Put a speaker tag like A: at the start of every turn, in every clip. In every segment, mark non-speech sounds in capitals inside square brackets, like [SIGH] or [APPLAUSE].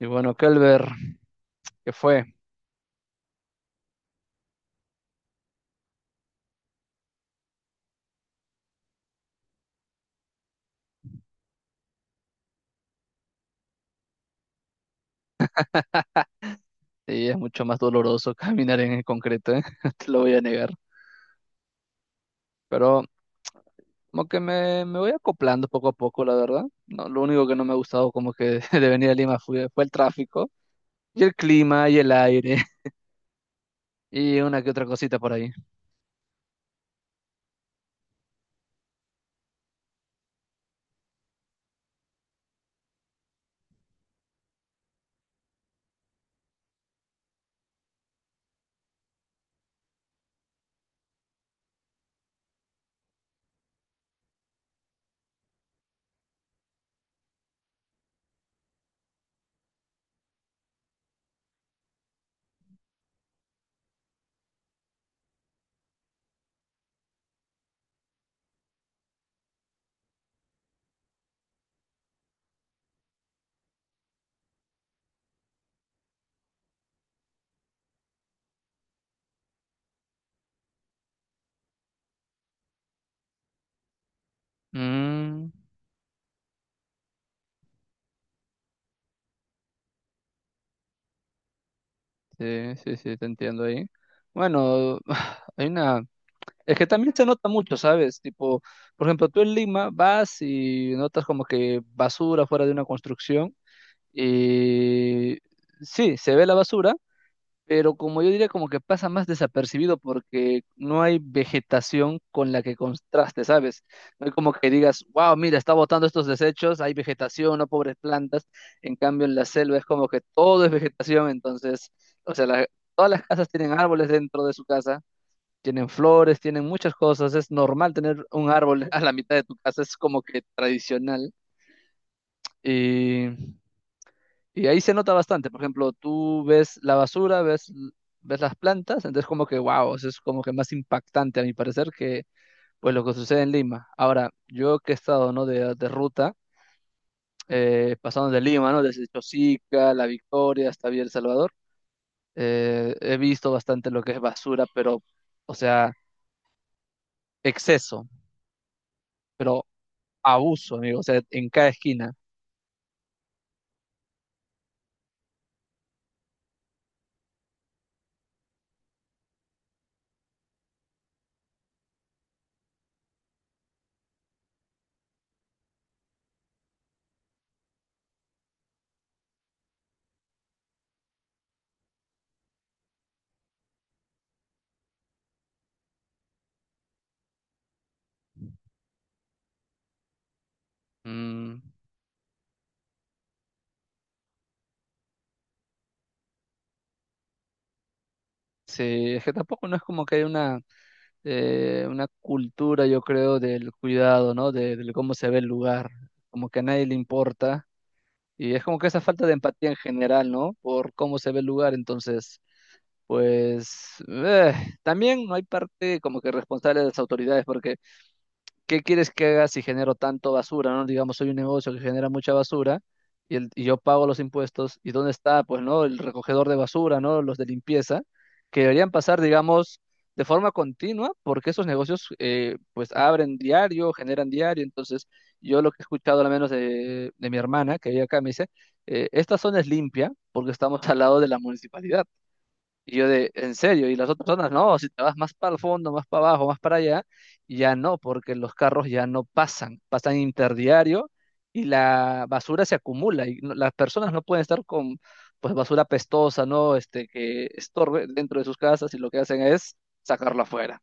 A: Y bueno, Calver, ¿que fue? Sí, es mucho más doloroso [LAUGHS] caminar en el concreto, ¿eh? [LAUGHS] No te lo voy a negar. Pero como que me voy acoplando poco a poco, la verdad. No, lo único que no me ha gustado como que [LAUGHS] de venir a Lima fue el tráfico y el clima y el aire [LAUGHS] y una que otra cosita por ahí. Mm, sí, sí, sí, te entiendo ahí. Bueno, [SIGHS] hay una... Es que también se nota mucho, ¿sabes? Tipo, por ejemplo, tú en Lima vas y notas como que basura fuera de una construcción. Y sí, se ve la basura, pero como yo diría, como que pasa más desapercibido porque no hay vegetación con la que contraste, ¿sabes? No hay como que digas, wow, mira, está botando estos desechos, hay vegetación, no pobres plantas. En cambio, en la selva es como que todo es vegetación, entonces, o sea, todas las casas tienen árboles dentro de su casa. Tienen flores, tienen muchas cosas. Es normal tener un árbol a la mitad de tu casa, es como que tradicional. Y ahí se nota bastante. Por ejemplo, tú ves la basura, ves las plantas, entonces como que, wow, eso es como que más impactante a mi parecer que pues lo que sucede en Lima. Ahora, yo que he estado, ¿no? De ruta, pasando de Lima, ¿no? Desde Chosica, La Victoria hasta Villa El Salvador, he visto bastante lo que es basura, pero, o sea, exceso, pero abuso, amigo, o sea, en cada esquina. Mm, sí, es que tampoco no es como que hay una cultura, yo creo, del cuidado, ¿no? De cómo se ve el lugar, como que a nadie le importa. Y es como que esa falta de empatía en general, ¿no? Por cómo se ve el lugar, entonces, pues, eh, también no hay parte como que responsable de las autoridades, porque ¿qué quieres que haga si genero tanto basura, ¿no? Digamos, soy un negocio que genera mucha basura y yo pago los impuestos. ¿Y dónde está, pues, no? El recogedor de basura, ¿no? Los de limpieza, que deberían pasar, digamos, de forma continua, porque esos negocios, pues, abren diario, generan diario. Entonces, yo lo que he escuchado, al menos de mi hermana, que vive acá, me dice, esta zona es limpia porque estamos [LAUGHS] al lado de la municipalidad. Y yo de, en serio, y las otras personas, no, si te vas más para el fondo, más para abajo, más para allá, ya no, porque los carros ya no pasan, pasan interdiario y la basura se acumula y las personas no pueden estar con pues basura pestosa, ¿no? Este, que estorbe dentro de sus casas y lo que hacen es sacarla afuera.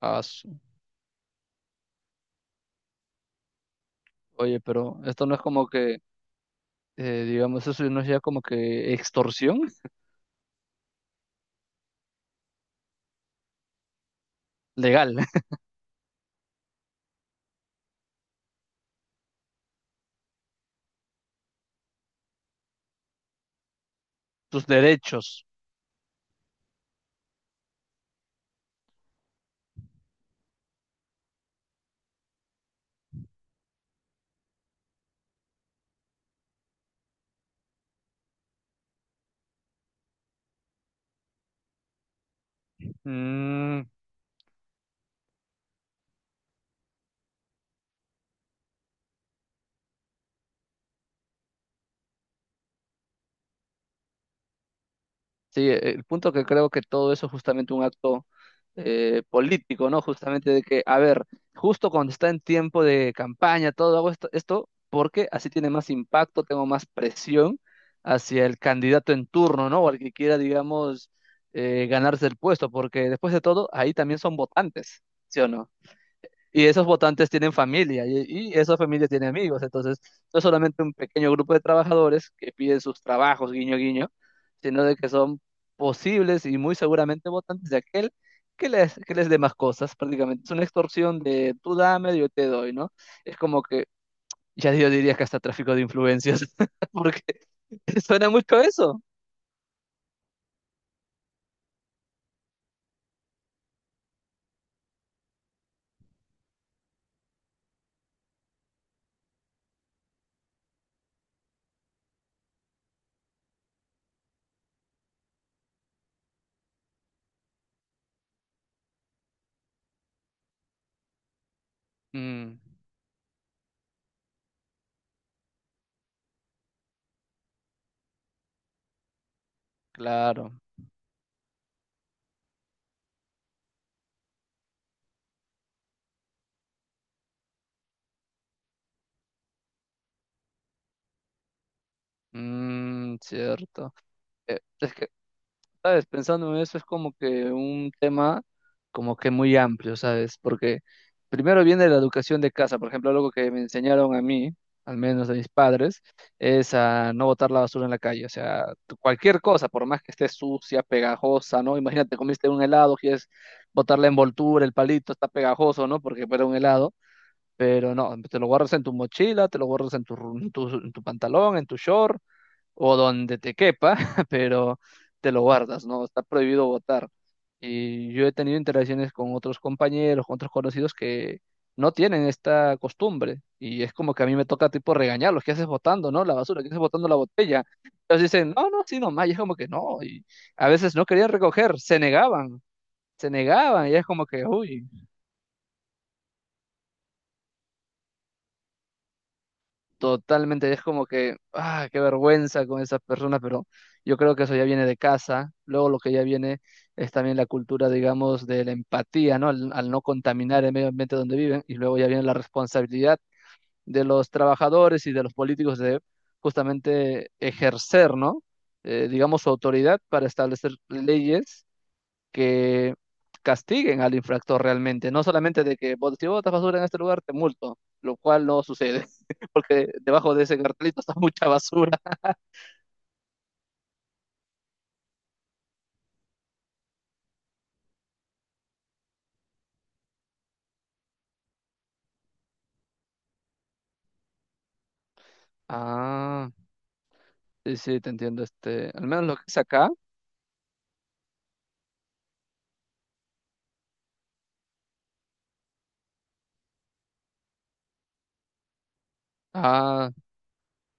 A: Ah, su- Oye, pero esto no es como que, digamos, eso no es ya como que extorsión legal, [LAUGHS] tus derechos. Mm, sí, el punto que creo que todo eso es justamente un acto político, ¿no? Justamente de que, a ver, justo cuando está en tiempo de campaña, todo hago esto, porque así tiene más impacto, tengo más presión hacia el candidato en turno, ¿no? O al que quiera, digamos, ganarse el puesto, porque después de todo, ahí también son votantes, ¿sí o no? Y esos votantes tienen familia y esa familia tiene amigos. Entonces, no es solamente un pequeño grupo de trabajadores que piden sus trabajos, guiño, guiño, sino de que son posibles y muy seguramente votantes de aquel que les dé más cosas, prácticamente. Es una extorsión de tú dame, yo te doy, ¿no? Es como que, ya yo diría que hasta tráfico de influencias, [LAUGHS] porque suena mucho a eso. Mm, claro. Mm, cierto. Es que ¿sabes? Pensando en eso es como que un tema como que muy amplio, ¿sabes? Porque primero viene la educación de casa, por ejemplo, algo que me enseñaron a mí, al menos a mis padres, es a no botar la basura en la calle, o sea, cualquier cosa, por más que esté sucia, pegajosa, ¿no? Imagínate, comiste un helado, quieres botar la envoltura, el palito, está pegajoso, ¿no? Porque era un helado, pero no, te lo guardas en tu mochila, te lo guardas en tu pantalón, en tu short o donde te quepa, [LAUGHS] pero te lo guardas, ¿no? Está prohibido votar. Y yo he tenido interacciones con otros compañeros, con otros conocidos que no tienen esta costumbre. Y es como que a mí me toca tipo regañarlos, ¿qué haces botando no? La basura, ¿qué haces botando la botella? Entonces dicen, no, no, sí, nomás. Y es como que no. Y a veces no querían recoger, se negaban. Y es como que, uy. Totalmente, es como que, ah, qué vergüenza con esas personas, pero yo creo que eso ya viene de casa. Luego lo que ya viene es también la cultura, digamos, de la empatía, ¿no? Al no contaminar el medio ambiente donde viven. Y luego ya viene la responsabilidad de los trabajadores y de los políticos de justamente ejercer, ¿no? Digamos, su autoridad para establecer leyes que castiguen al infractor realmente, no solamente de que si botas basura en este lugar te multo", lo cual no sucede, [LAUGHS] porque debajo de ese cartelito está [LAUGHS] mucha basura. Ah, sí, sí, te entiendo, este, al menos lo que es acá. Ah,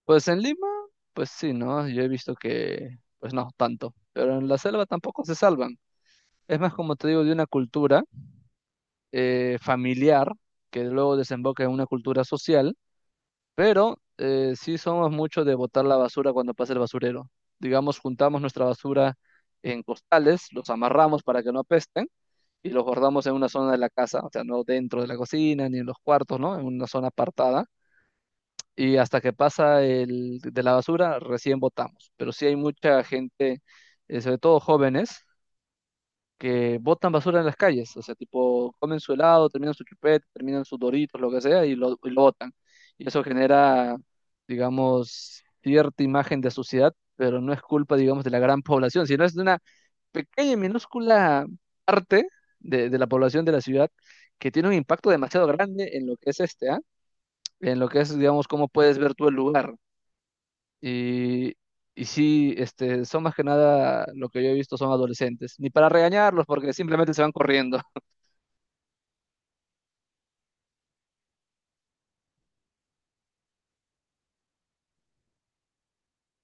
A: pues en Lima, pues sí, ¿no? Yo he visto que, pues no, tanto, pero en la selva tampoco se salvan. Es más, como te digo, de una cultura familiar que luego desemboca en una cultura social. Pero sí somos muchos de botar la basura cuando pasa el basurero. Digamos, juntamos nuestra basura en costales, los amarramos para que no apesten y los guardamos en una zona de la casa, o sea, no dentro de la cocina ni en los cuartos, ¿no? En una zona apartada. Y hasta que pasa el de la basura, recién botamos. Pero sí hay mucha gente, sobre todo jóvenes, que botan basura en las calles, o sea, tipo, comen su helado, terminan su chupete, terminan sus doritos, lo que sea, y lo botan. Y eso genera, digamos, cierta imagen de suciedad, pero no es culpa, digamos, de la gran población, sino es de una pequeña y minúscula parte de la población de la ciudad que tiene un impacto demasiado grande en lo que es este, ¿ah? En lo que es, digamos, cómo puedes ver tú el lugar. Y, y sí, este, son más que nada lo que yo he visto son adolescentes. Ni para regañarlos, porque simplemente se van corriendo.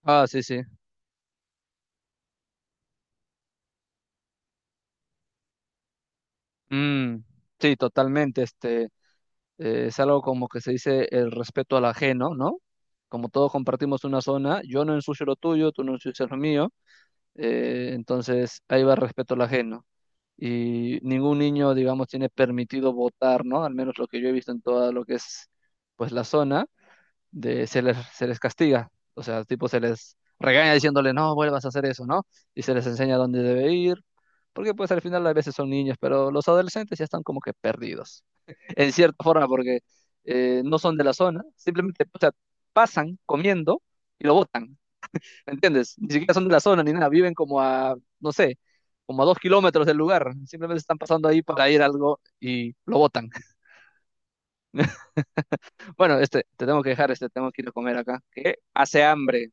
A: Ah, sí, sí. Mm, sí, totalmente. Este, es algo como que se dice el respeto al ajeno, ¿no? ¿No? Como todos compartimos una zona, yo no ensucio lo tuyo, tú no ensucias lo mío, entonces ahí va el respeto al ajeno. Y ningún niño, digamos, tiene permitido votar, ¿no? Al menos lo que yo he visto en toda lo que es, pues, la zona. Se les castiga, o sea, tipo se les regaña diciéndole, no vuelvas a hacer eso, ¿no? Y se les enseña dónde debe ir, porque pues al final a veces son niños, pero los adolescentes ya están como que perdidos, en cierta forma, porque no son de la zona, simplemente o sea, pasan comiendo y lo botan, ¿me entiendes? Ni siquiera son de la zona ni nada, viven como a, no sé, como a 2 kilómetros del lugar, simplemente están pasando ahí para ir a algo y lo botan. [LAUGHS] Bueno, este, te tengo que dejar, este, tengo que ir a comer acá, que hace hambre.